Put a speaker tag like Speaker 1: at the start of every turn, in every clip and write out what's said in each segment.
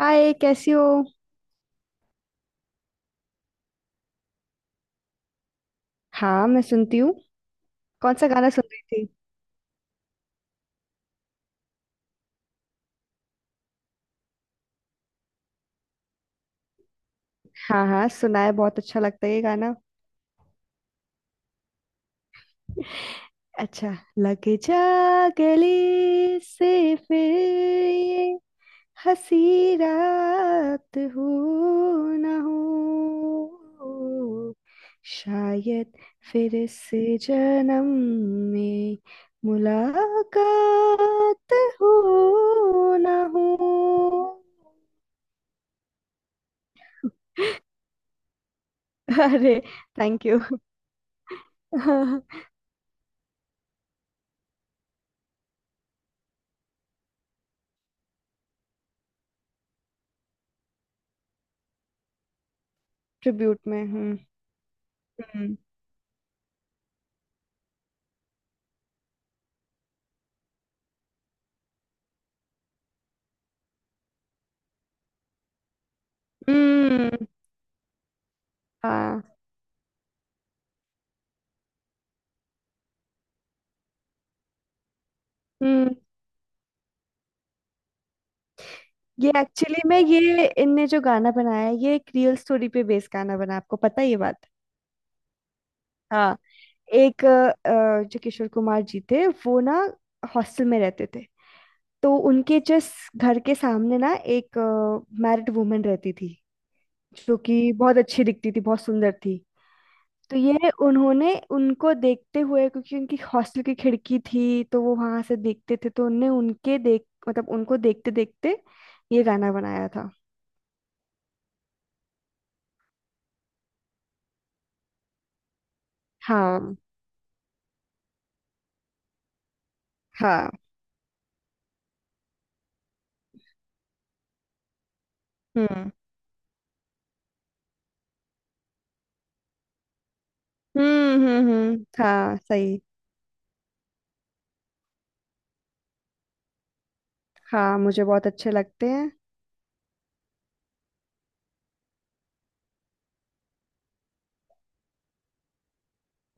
Speaker 1: हाय, कैसी हो। हाँ, मैं सुनती हूँ। कौन सा गाना सुन रही थी। हाँ हाँ, सुनाए, बहुत अच्छा लगता है ये गाना। अच्छा। लग जा गले से फिर ये हंसी रात हो ना हो, शायद फिर से जन्म में मुलाकात हो ना हो। अरे। Thank you. ट्रिब्यूट में। हम्म। हम्म। हम्म, हाँ। हम्म। ये एक्चुअली में ये इनने जो गाना बनाया है ये एक रियल स्टोरी पे बेस्ड गाना बना, आपको पता है ये बात। हाँ। एक जो किशोर कुमार जी थे वो ना हॉस्टल में रहते थे। तो उनके जस्ट घर के सामने ना एक मैरिड वुमन रहती थी, जो कि बहुत अच्छी दिखती थी, बहुत सुंदर थी। तो ये उन्होंने उनको देखते हुए, क्योंकि उनकी हॉस्टल की खिड़की थी तो वो वहां से देखते थे, तो उनने उनके देख मतलब उनको देखते देखते ये गाना बनाया था। हाँ हाँ। हम्म हाँ सही। हाँ, मुझे बहुत अच्छे लगते हैं।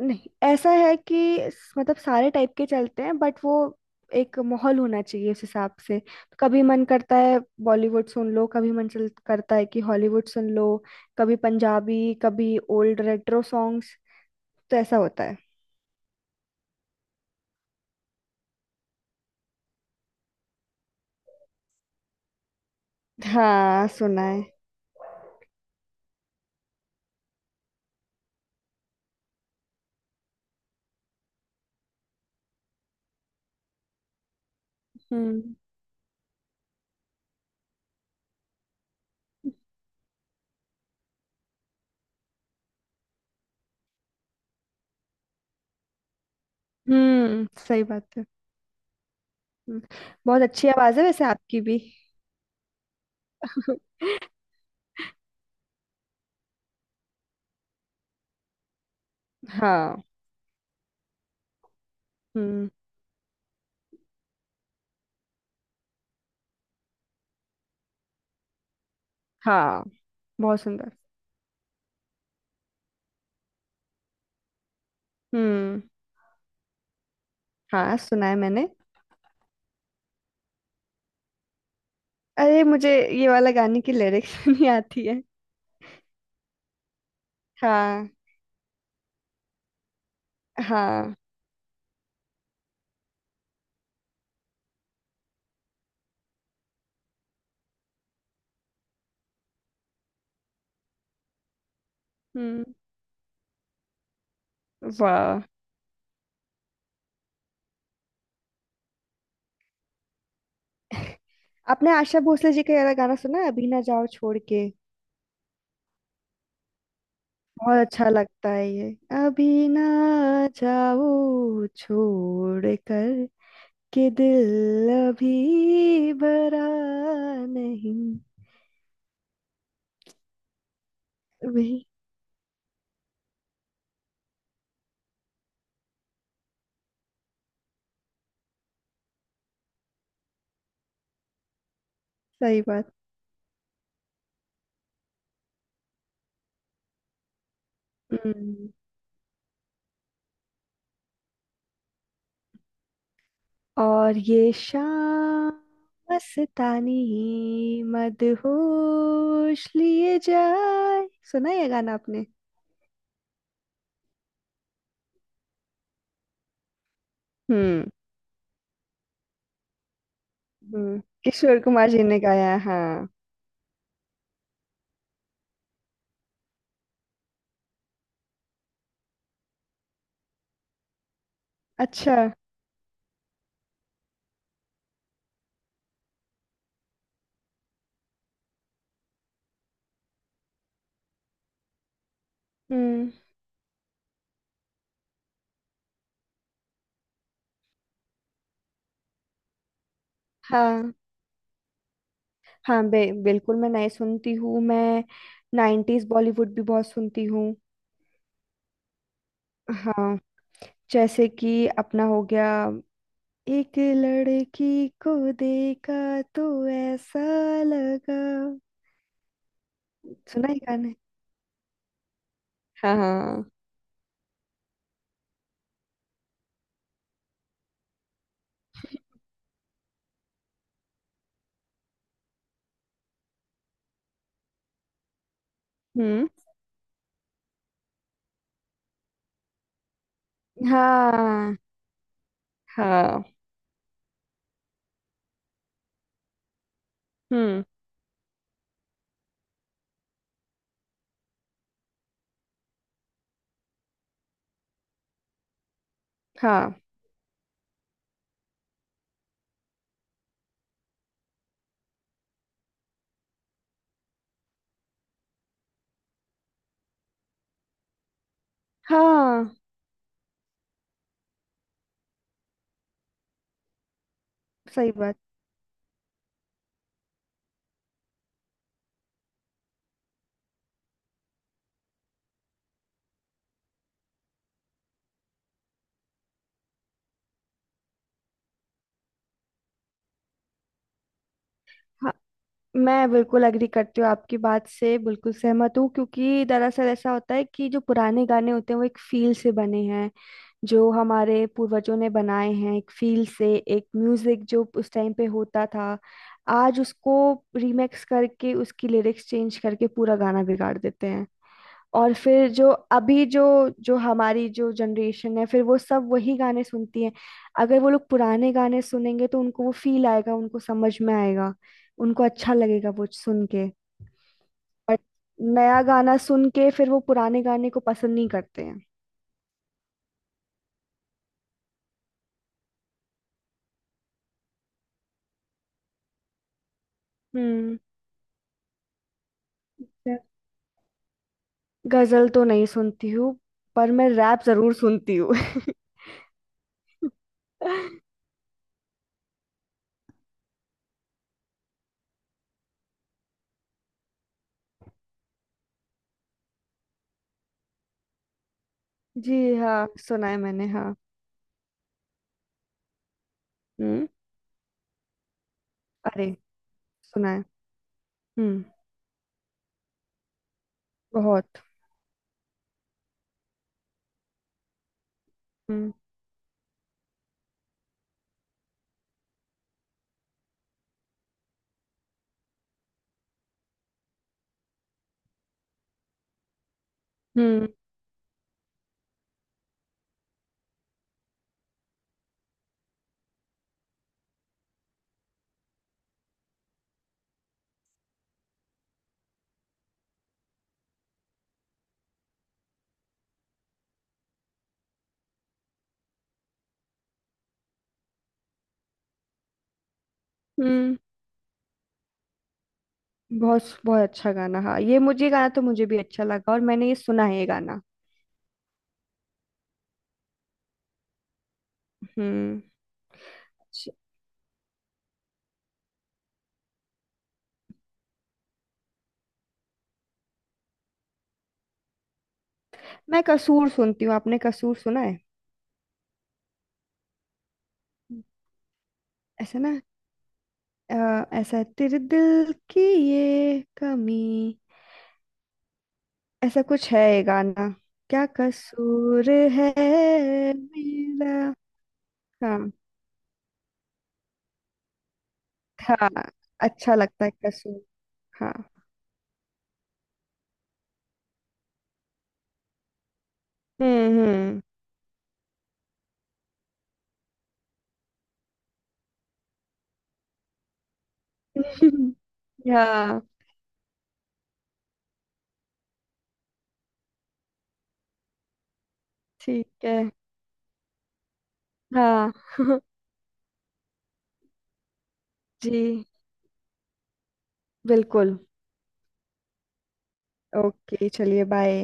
Speaker 1: नहीं, ऐसा है कि स- मतलब सारे टाइप के चलते हैं, बट वो एक माहौल होना चाहिए उस हिसाब से। कभी मन करता है बॉलीवुड सुन लो, कभी मन चल करता है कि हॉलीवुड सुन लो, कभी पंजाबी, कभी ओल्ड रेट्रो सॉन्ग्स। तो ऐसा होता है। हाँ सुना है। हम्म। सही बात है। हम्म, बहुत अच्छी आवाज है वैसे आपकी भी। हाँ। हम्म। हाँ, बहुत सुंदर। हम्म। हाँ सुना है मैंने। अरे, मुझे ये वाला गाने की लिरिक्स नहीं आती है। हाँ। हाँ। हम्म। वाह। आपने आशा भोसले जी का ये वाला गाना सुना है, अभी ना जाओ छोड़ के। बहुत अच्छा लगता है ये। अभी ना जाओ छोड़ कर के दिल अभी भरा नहीं। वही। सही बात। हम्म। और ये शाम मस्तानी मदहोश लिए जाए, सुना है ये गाना आपने। हम्म। हम्म। किशोर कुमार जी ने गाया है, हाँ। अच्छा। हम्म। हाँ। हाँ बिल्कुल मैं नए सुनती हूँ। मैं नाइन्टीज बॉलीवुड भी बहुत सुनती हूँ। हाँ, जैसे कि अपना हो गया एक लड़की को देखा तो ऐसा लगा, सुना है गाने। हाँ हाँ। हम्म। हाँ हाँ। हम्म। हाँ हाँ, सही बात। हाँ, मैं बिल्कुल एग्री करती हूँ, आपकी बात से बिल्कुल सहमत हूँ। क्योंकि दरअसल ऐसा होता है कि जो पुराने गाने होते हैं वो एक फील से बने हैं, जो हमारे पूर्वजों ने बनाए हैं। एक फील से, एक म्यूजिक जो उस टाइम पे होता था, आज उसको रीमेक्स करके उसकी लिरिक्स चेंज करके पूरा गाना बिगाड़ देते हैं। और फिर जो हमारी जो जनरेशन है फिर वो सब वही गाने सुनती है। अगर वो लोग पुराने गाने सुनेंगे तो उनको वो फील आएगा, उनको समझ में आएगा, उनको अच्छा लगेगा वो सुन के। बट नया गाना सुन के फिर वो पुराने गाने को पसंद नहीं करते हैं। हम्म। अच्छा। गजल तो नहीं सुनती हूँ, पर मैं रैप जरूर सुनती हूँ। जी हाँ, सुना है मैंने। हाँ। हम्म। अरे, सुना है। हम्म। बहुत। हम्म। हम्म। हम्म, बहुत बहुत अच्छा गाना। हाँ, ये मुझे, ये गाना तो मुझे भी अच्छा लगा, और मैंने ये सुना है ये गाना। हम्म। अच्छा। मैं कसूर सुनती हूँ, आपने कसूर सुना है। ऐसा ना अ, ऐसा है, तेरे दिल की ये कमी, ऐसा कुछ है ये गाना। क्या कसूर है मेरा। हाँ हाँ। अच्छा लगता है कसूर। हाँ। हम्म। हम्म। हाँ। ठीक है। हाँ जी, बिल्कुल। ओके, चलिए, बाय।